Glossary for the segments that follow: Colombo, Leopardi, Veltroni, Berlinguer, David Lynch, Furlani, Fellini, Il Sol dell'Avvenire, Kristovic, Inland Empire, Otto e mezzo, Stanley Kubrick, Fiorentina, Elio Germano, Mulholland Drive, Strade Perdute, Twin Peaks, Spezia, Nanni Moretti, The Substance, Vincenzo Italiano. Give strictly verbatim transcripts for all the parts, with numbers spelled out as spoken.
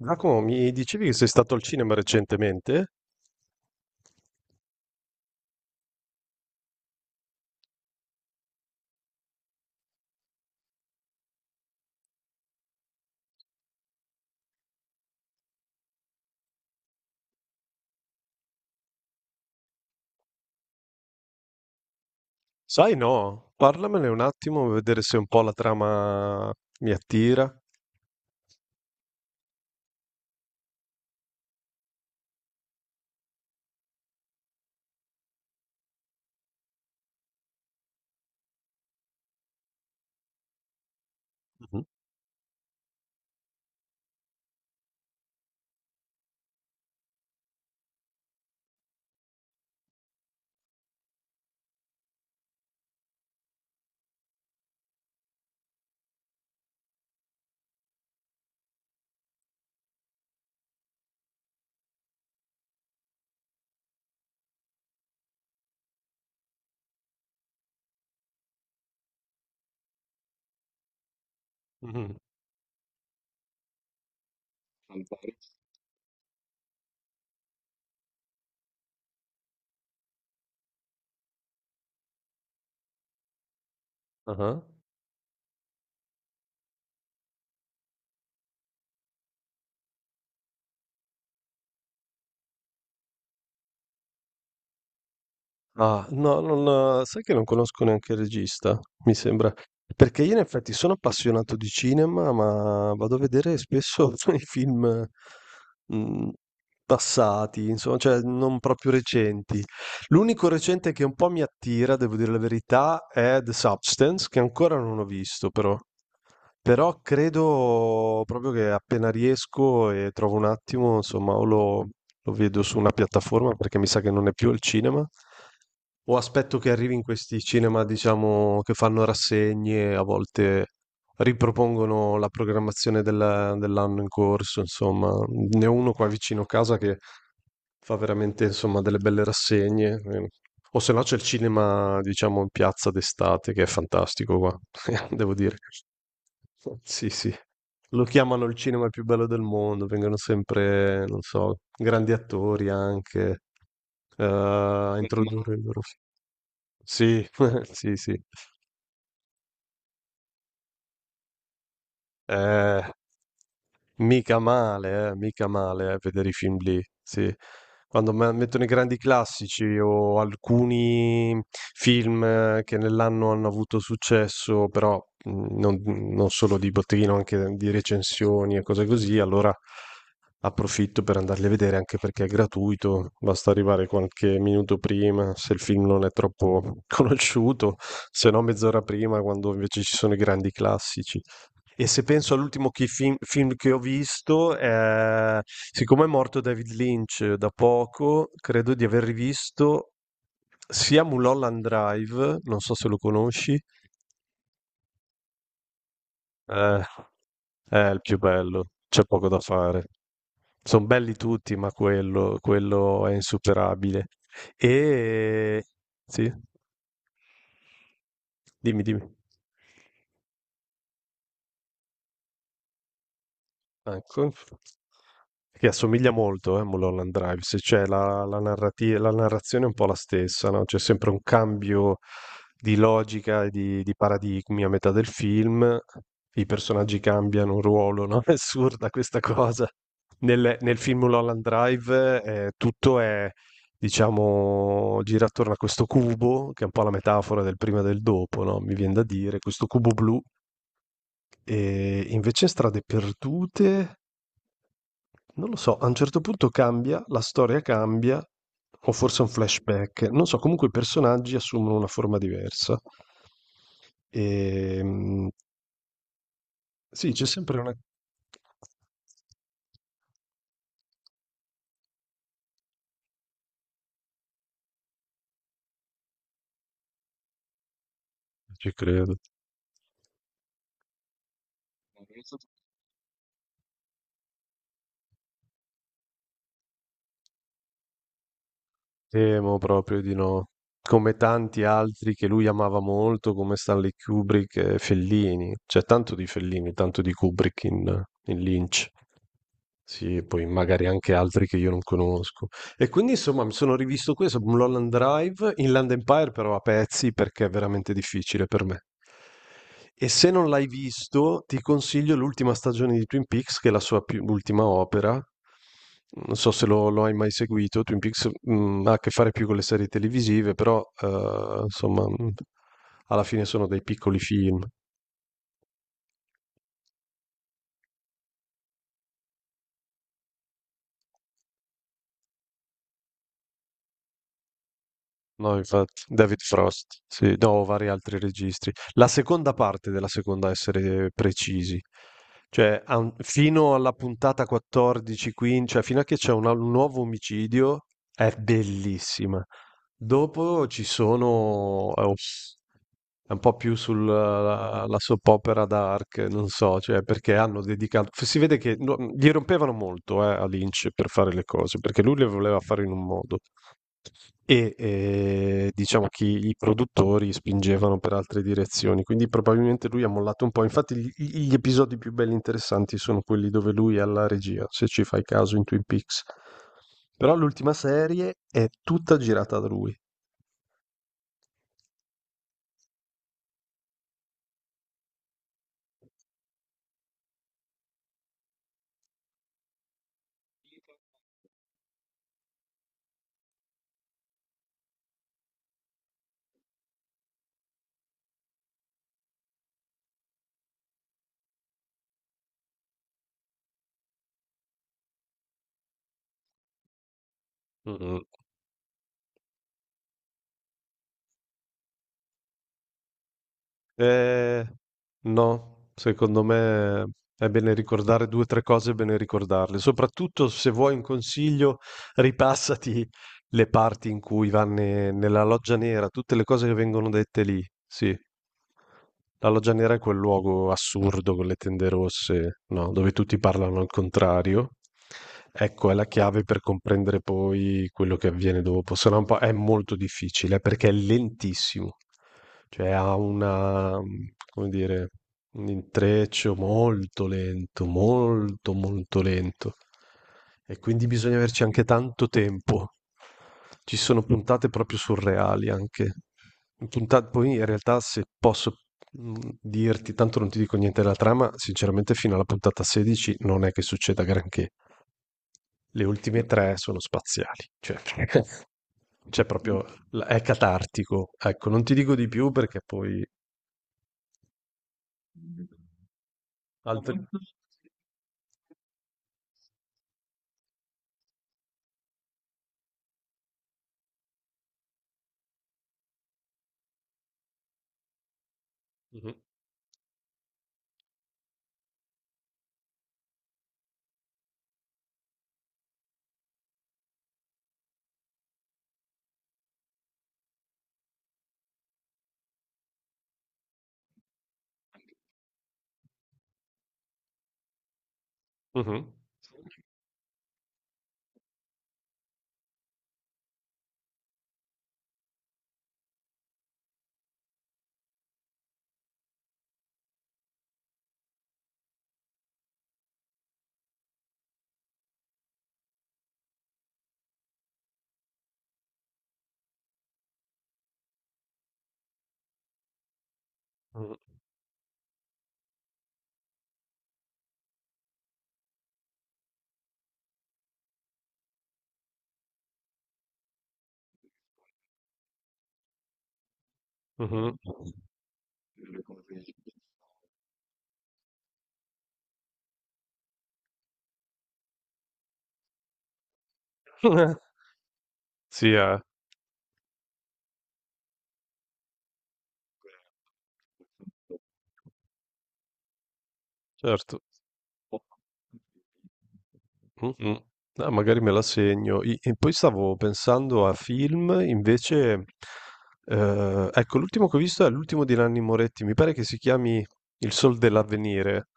Giacomo, mi dicevi che sei stato al cinema recentemente? Sai no, parlamene un attimo, vedere se un po' la trama mi attira. Mhm. Mhm. Ah ah. Ah, no, non sai che non conosco neanche il regista, mi sembra. Perché io in effetti sono appassionato di cinema, ma vado a vedere spesso i film mh, passati, insomma, cioè non proprio recenti. L'unico recente che un po' mi attira, devo dire la verità, è The Substance, che ancora non ho visto, però. Però credo proprio che appena riesco e trovo un attimo, insomma, o lo, lo vedo su una piattaforma perché mi sa che non è più al cinema, o aspetto che arrivi in questi cinema, diciamo, che fanno rassegne, a volte ripropongono la programmazione della- dell'anno in corso, insomma. Ne ho uno qua vicino a casa che fa veramente, insomma, delle belle rassegne. eh. O se no c'è il cinema, diciamo, in piazza d'estate, che è fantastico qua, devo dire. Sì, sì. Lo chiamano il cinema più bello del mondo, vengono sempre, non so, grandi attori anche eh, a Ma introdurre il loro sì, sì, sì. Ehm, Mica male, eh, mica male, eh, vedere i film lì, sì. Quando me- mettono i grandi classici o alcuni film eh, che nell'anno hanno avuto successo, però mh, non, non solo di botteghino, anche di recensioni e cose così, allora approfitto per andarli a vedere anche perché è gratuito, basta arrivare qualche minuto prima se il film non è troppo conosciuto, se no mezz'ora prima quando invece ci sono i grandi classici. E se penso all'ultimo chi- film, film che ho visto, eh, siccome è morto David Lynch eh, da poco, credo di aver rivisto sia Mulholland Drive, non so se lo conosci, eh, è il più bello, c'è poco da fare. Sono belli tutti, ma quello, quello è insuperabile. E sì, dimmi, dimmi. Ecco, che assomiglia molto, eh, a Mulholland Drive, se c'è la, la narrati- la narrazione è un po' la stessa, no? C'è sempre un cambio di logica e di, di paradigmi a metà del film, i personaggi cambiano ruolo, no? È assurda questa cosa. Nel, nel film Mulholland Drive eh, tutto è, diciamo, gira attorno a questo cubo, che è un po' la metafora del prima e del dopo, no? Mi viene da dire, questo cubo blu, e invece in Strade Perdute. Non lo so, a un certo punto cambia, la storia cambia, o forse è un flashback, non so, comunque i personaggi assumono una forma diversa. E, mm, sì, c'è sempre una. Ci credo. Temo proprio di no. Come tanti altri che lui amava molto, come Stanley Kubrick e Fellini. C'è tanto di Fellini, tanto di Kubrick in, in Lynch. Sì, e poi magari anche altri che io non conosco. E quindi insomma mi sono rivisto questo, Mulholland Drive, Inland Empire però a pezzi perché è veramente difficile per me. E se non l'hai visto, ti consiglio l'ultima stagione di Twin Peaks, che è la sua più- ultima opera. Non so se lo, lo hai mai seguito. Twin Peaks, mm, ha a che fare più con le serie televisive, però eh, insomma, mm, alla fine sono dei piccoli film. No, infatti, David Frost, sì, no, vari altri registri. La seconda parte della seconda, a essere precisi, cioè a un- fino alla puntata quattordici, quindici, cioè fino a che c'è un, un nuovo omicidio, è bellissima. Dopo ci sono, eh, ups, è un po' più sulla la soap opera dark, non so, cioè perché hanno dedicato, si vede che no, gli rompevano molto eh, a Lynch per fare le cose, perché lui le voleva fare in un modo e eh, diciamo che i produttori spingevano per altre direzioni, quindi probabilmente lui ha mollato un po'. Infatti gli, gli episodi più belli e interessanti sono quelli dove lui è alla regia, se ci fai caso in Twin Peaks. Però l'ultima serie è tutta girata da lui. Eh, no, secondo me è bene ricordare due o tre cose, è bene ricordarle. Soprattutto se vuoi un consiglio, ripassati le parti in cui vanno nella loggia nera, tutte le cose che vengono dette lì. Sì, la loggia nera è quel luogo assurdo con le tende rosse, no, dove tutti parlano al contrario. Ecco, è la chiave per comprendere poi quello che avviene dopo, se no un po' è molto difficile perché è lentissimo. Cioè ha una, mm, come dire, un intreccio molto lento, molto molto lento. E quindi bisogna averci anche tanto tempo. Ci sono puntate proprio surreali anche. Puntate, poi in realtà se posso mm, dirti, tanto non ti dico niente della trama, sinceramente fino alla puntata sedici non è che succeda granché. Le ultime tre sono spaziali, cioè c'è proprio, è catartico. Ecco, non ti dico di più perché poi Altri mh-mh, mh-mh, mh, mh-mh. Sì, eh. Certo. Mh-mh. Ah, magari me la segno. I E poi stavo pensando a film invece, ehm, ecco l'ultimo che ho visto è l'ultimo di Nanni Moretti, mi pare che si chiami Il Sol dell'Avvenire.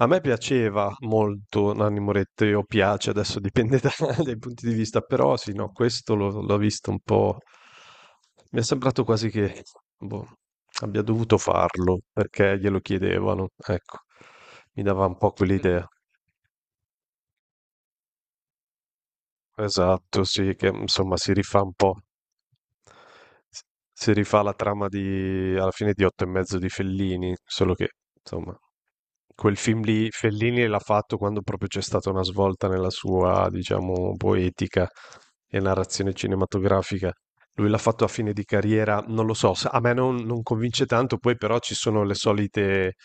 A me piaceva molto Nanni Moretti, o piace, adesso dipende da dai punti di vista, però sì, no, questo l'ho l'ho visto un po' mi è sembrato quasi che, boh, abbia dovuto farlo perché glielo chiedevano, ecco. Mi dava un po' Mh. quell'idea. Esatto, sì, che insomma si rifà un po'. Si rifà la trama di alla fine di Otto e mezzo di Fellini, solo che insomma quel film lì Fellini l'ha fatto quando proprio c'è stata una svolta nella sua, diciamo, poetica e narrazione cinematografica. Lui l'ha fatto a fine di carriera, non lo so, sa- a me non, non convince tanto, poi però ci sono le solite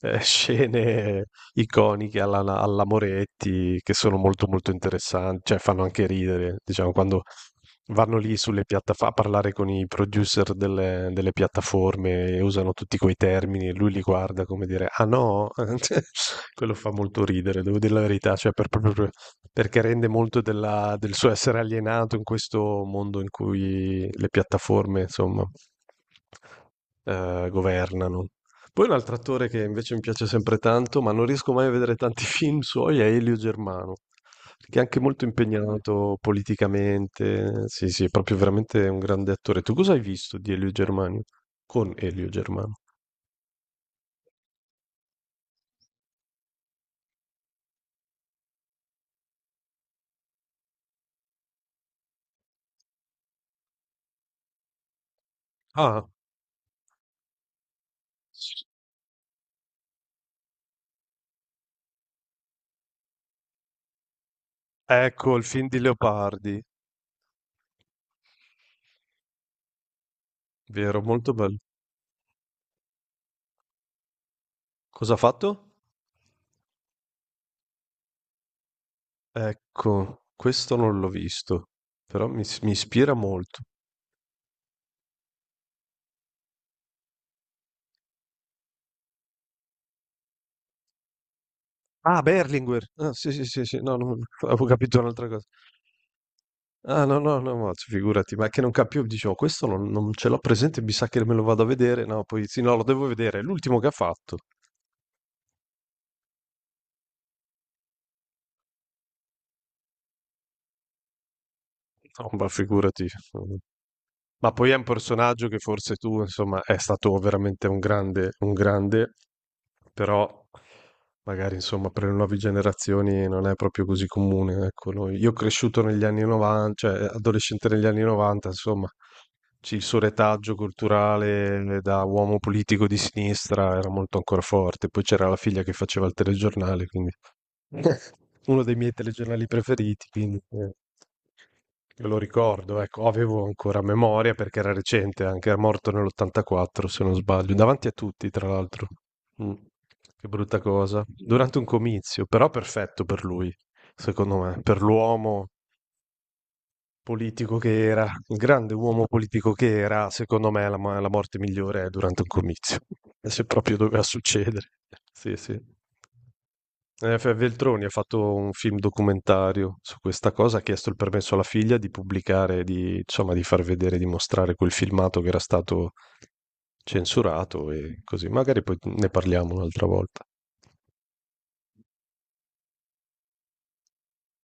eh, scene iconiche alla, alla Moretti che sono molto molto interessanti, cioè fanno anche ridere, diciamo, quando vanno lì sulle piattaforme a parlare con i producer delle, delle piattaforme e usano tutti quei termini e lui li guarda come dire, ah no, cioè, quello fa molto ridere, devo dire la verità, cioè per- proprio perché rende molto della- del suo essere alienato in questo mondo in cui le piattaforme, insomma, eh, governano. Poi un altro attore che invece mi piace sempre tanto, ma non riesco mai a vedere tanti film suoi, è Elio Germano. Che è anche molto impegnato politicamente. Sì, sì, è proprio veramente un grande attore. Tu cosa hai visto di Elio Germano? Con Elio Germano. Ah, ecco il film di Leopardi, vero, molto bello. Cosa ha fatto? Ecco, questo non l'ho visto, però mi, mi ispira molto. Ah, Berlinguer. Ah, sì, sì, sì, sì, no, non- avevo capito un'altra cosa. Ah, no, no, no, ma figurati, ma è che non capivo, dicevo, questo non, non ce l'ho presente, mi sa che me lo vado a vedere, no, poi sì, no, lo devo vedere, è l'ultimo che ha fatto. No, ma figurati. Mm. Ma poi è un personaggio che forse tu, insomma, è stato veramente un grande, un grande, però magari, insomma, per le nuove generazioni non è proprio così comune, ecco, noi- Io ho cresciuto negli anni novanta, cioè adolescente negli anni novanta, insomma, sì, il suo retaggio culturale eh, da uomo politico di sinistra era molto ancora forte. Poi c'era la figlia che faceva il telegiornale, quindi uno dei miei telegiornali preferiti, quindi eh, me lo ricordo, ecco, avevo ancora memoria perché era recente, anche era morto nell'ottantaquattro, se non sbaglio, davanti a tutti, tra l'altro. Mm. Che brutta cosa. Durante un comizio, però perfetto per lui, secondo me, per l'uomo politico che era, il grande uomo politico che era, secondo me la, mo- la morte migliore è durante un comizio, se proprio doveva succedere. Sì, sì. Eh, F. Veltroni ha fatto un film documentario su questa cosa, ha chiesto il permesso alla figlia di pubblicare, di, insomma, di far vedere, di mostrare quel filmato che era stato censurato e così. Magari poi ne parliamo un'altra volta.